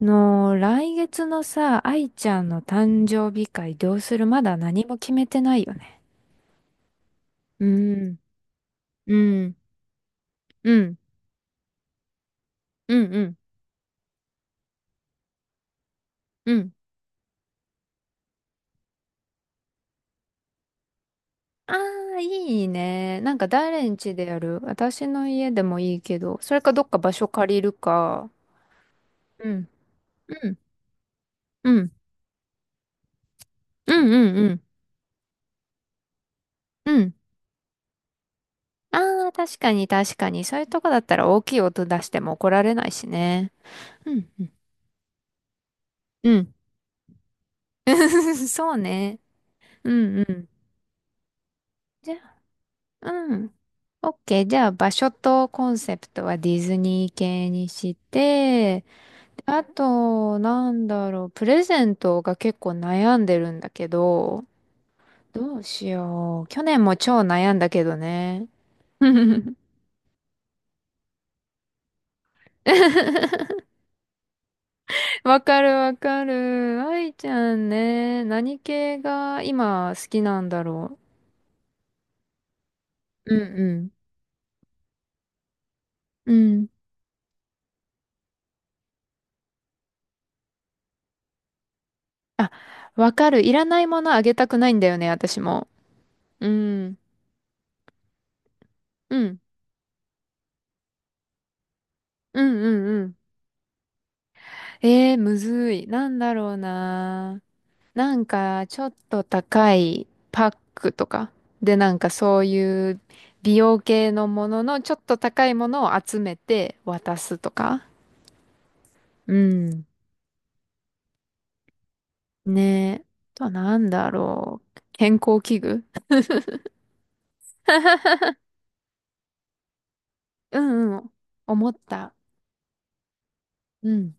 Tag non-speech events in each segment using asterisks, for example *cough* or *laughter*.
の、来月のさ、愛ちゃんの誕生日会どうする？まだ何も決めてないよね。うん、うん、うん、うん、うん、うん。ああ、いいね。なんか誰ん家でやる？私の家でもいいけど、それかどっか場所借りるか。うん、うん、うん、うん、うん、うん。うん、ああー、確かに確かに。そういうとこだったら大きい音出しても怒られないしね。うん、うん、*laughs* うん。*laughs* そうね。うんうん。じゃあ、うん。OK。じゃあ、場所とコンセプトはディズニー系にして、あと、なんだろう、プレゼントが結構悩んでるんだけど、どうしよう。去年も超悩んだけどね。*laughs* わかるわかる。愛ちゃんね、何系が今好きなんだろう。うんうん。うん。あ、わかる。いらないものあげたくないんだよね、私も。うん。うん。うんうんうん。むずい。なんだろうな。なんか、ちょっと高いパックとか。で、なんかそういう美容系のもののちょっと高いものを集めて渡すとか。うん。ねえ。あとはなんだろう。健康器具。うんうん。思った。うん。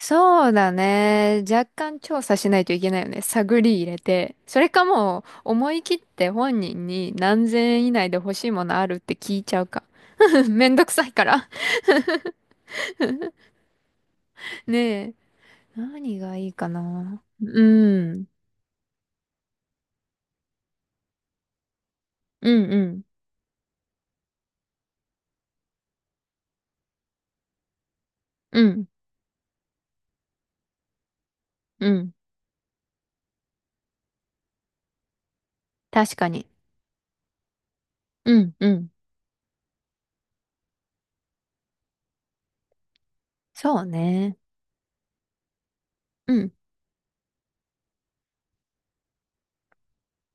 そうだね。若干調査しないといけないよね。探り入れて。それかもう思い切って本人に何千円以内で欲しいものある？って聞いちゃうか。*laughs* めんどくさいから。ねえ。何がいいかな。うん。うんうん。うん。うん。確かに。うんうん。そうね。うん。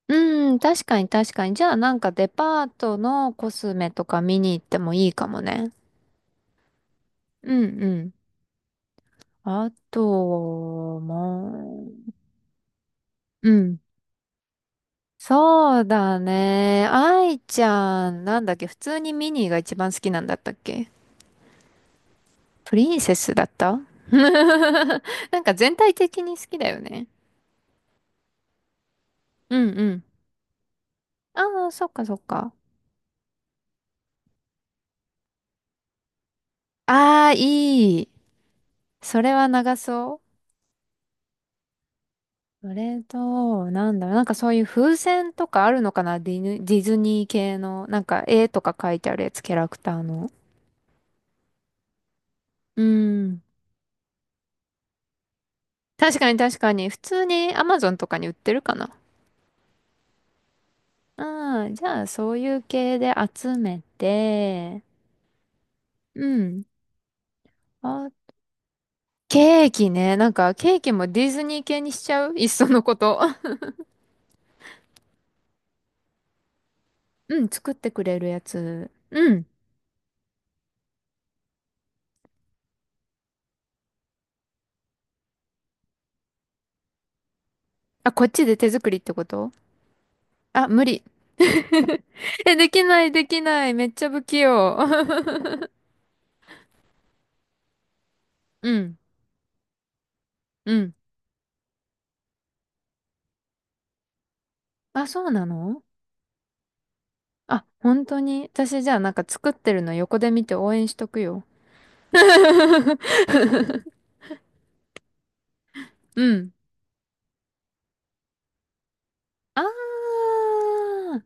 うん。確かに確かに。じゃあなんかデパートのコスメとか見に行ってもいいかもね。うんうん。あと、もう、うん。そうだね。愛ちゃん、なんだっけ、普通にミニーが一番好きなんだったっけ？プリンセスだった *laughs* なんか全体的に好きだよね。うんうん。ああ、そっかそっか。ああ、いい。それは長そう。それと、なんだろう、なんかそういう風船とかあるのかな？ディズニー系の、なんか絵とか書いてあるやつ、キャラクターの。うん。確かに確かに。普通にアマゾンとかに売ってるかな？うん、じゃあ、そういう系で集めて、うん。あ、ケーキね。なんか、ケーキもディズニー系にしちゃう、いっそのこと。*laughs* うん、作ってくれるやつ。うん。あ、こっちで手作りってこと？あ、無理。*laughs* え、できない、できない。めっちゃ不器用。*laughs* うん、うん。あ、そうなの？あ、本当に。私、じゃあ、なんか作ってるの横で見て応援しとくよ。*laughs* うん。あー、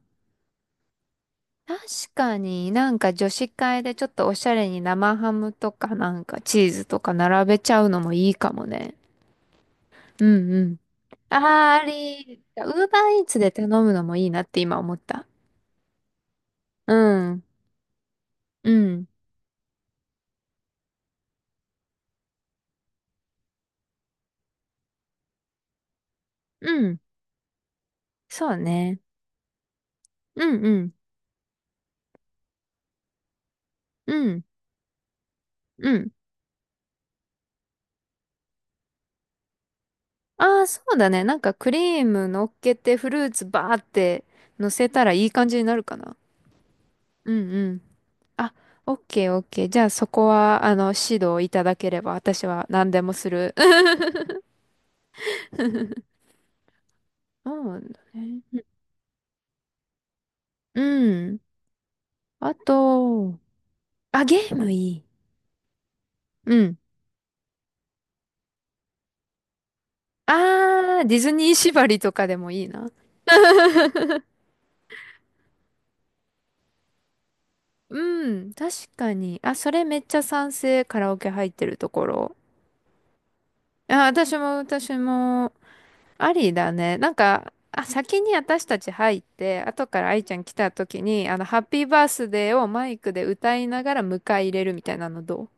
確かになんか女子会でちょっとおしゃれに生ハムとかなんかチーズとか並べちゃうのもいいかもね。うんうん。あー、あり。ウーバーイーツで頼むのもいいなって今思った。うん。うん。うん。そうね。うんうん。うん。うん。ああ、そうだね。なんかクリーム乗っけてフルーツバーって乗せたらいい感じになるかな。うんうん。あ、オッケーオッケー。じゃあそこは、指導いただければ私は何でもする。*laughs* そうなんだね。うん。あと、あ、ゲームいい。うん。あー、ディズニー縛りとかでもいいな。うん、確かに。あ、それめっちゃ賛成。カラオケ入ってるところ。あ、私も私も。ありだね。なんか、あ、先に私たち入って、後から愛ちゃん来た時に、ハッピーバースデーをマイクで歌いながら迎え入れるみたいなのどう？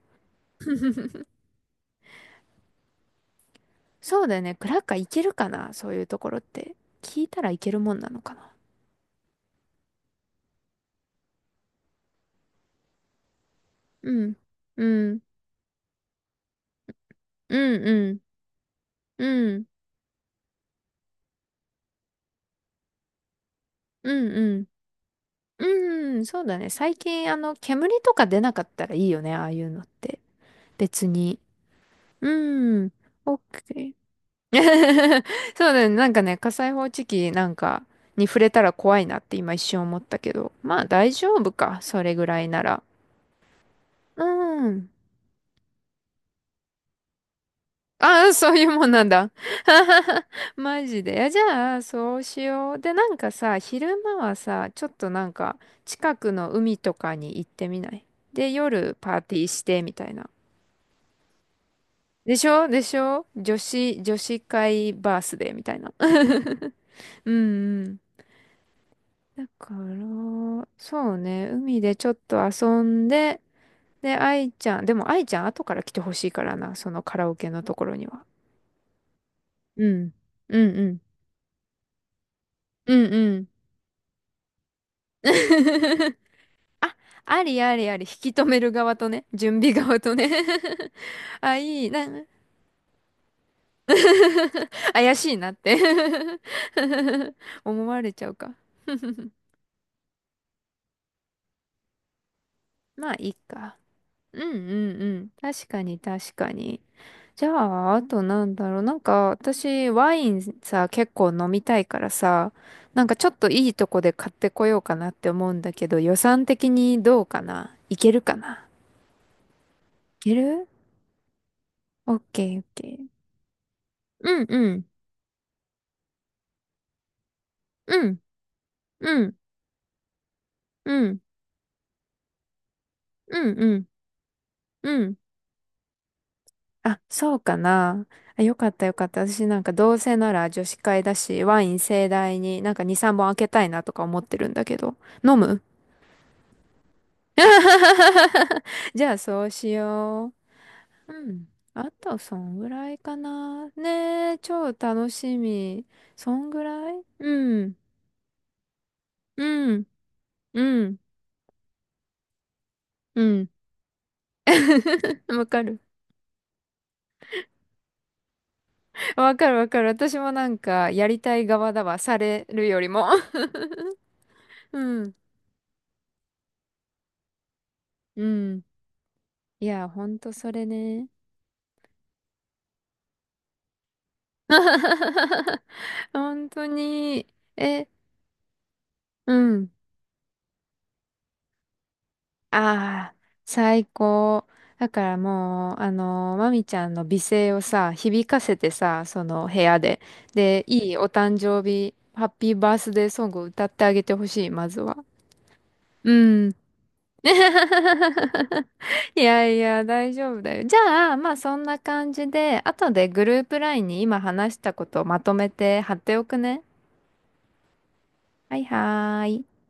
そうだよね。クラッカーいけるかな、そういうところって。聞いたらいけるもんなのかな？うん。うん。うんうん。うん。うんうん。うん。そうだね。最近、煙とか出なかったらいいよね。ああいうのって。別に。うん。OK。*laughs* そうだね。なんかね、火災報知器なんかに触れたら怖いなって今一瞬思ったけど。まあ大丈夫か。それぐらいなら。うん。ああ、そういうもんなんだ。*laughs* マジで。いやじゃあ、そうしよう。で、なんかさ、昼間はさ、ちょっとなんか近くの海とかに行ってみない？で、夜パーティーしてみたいな。でしょでしょ、女子会バースデーみたいな。*laughs* うんうん。だから、そうね、海でちょっと遊んで、で、愛ちゃん、でも愛ちゃん後から来てほしいからな、そのカラオケのところには。うん。うんうん。うんうん。*laughs* あ、ありありあり、引き止める側とね、準備側とね。 *laughs* あ、いいな、怪しいなって *laughs* 思われちゃうか。まあ、いいか。うんうんうん。確かに確かに。じゃあ、あとなんだろう。なんか、私、ワインさ、結構飲みたいからさ、なんかちょっといいとこで買ってこようかなって思うんだけど、予算的にどうかな？いけるかな？いける？オッケーオッケー。うんうん。うん。うん。うん。うんうん。うん。あ、そうかな。あ、よかったよかった。私なんかどうせなら女子会だし、ワイン盛大になんか2、3本開けたいなとか思ってるんだけど。飲む？ *laughs* じゃあそうしよう。うん。あと、そんぐらいかな。ねえ、超楽しみ。そんぐらい、うん。うん。うん。うん。*laughs* わかる。わかるわかる。私もなんか、やりたい側だわ。されるよりも。*laughs* うん。うん。いや、ほんとそれね。*laughs* 本当に。え、うん。ああ、最高。だからもう、まみちゃんの美声をさ、響かせてさ、その部屋で。で、いいお誕生日、ハッピーバースデーソングを歌ってあげてほしい、まずは。うん。*laughs* いやいや、大丈夫だよ。じゃあ、まあそんな感じで、後でグループラインに今話したことをまとめて貼っておくね。はいはーい。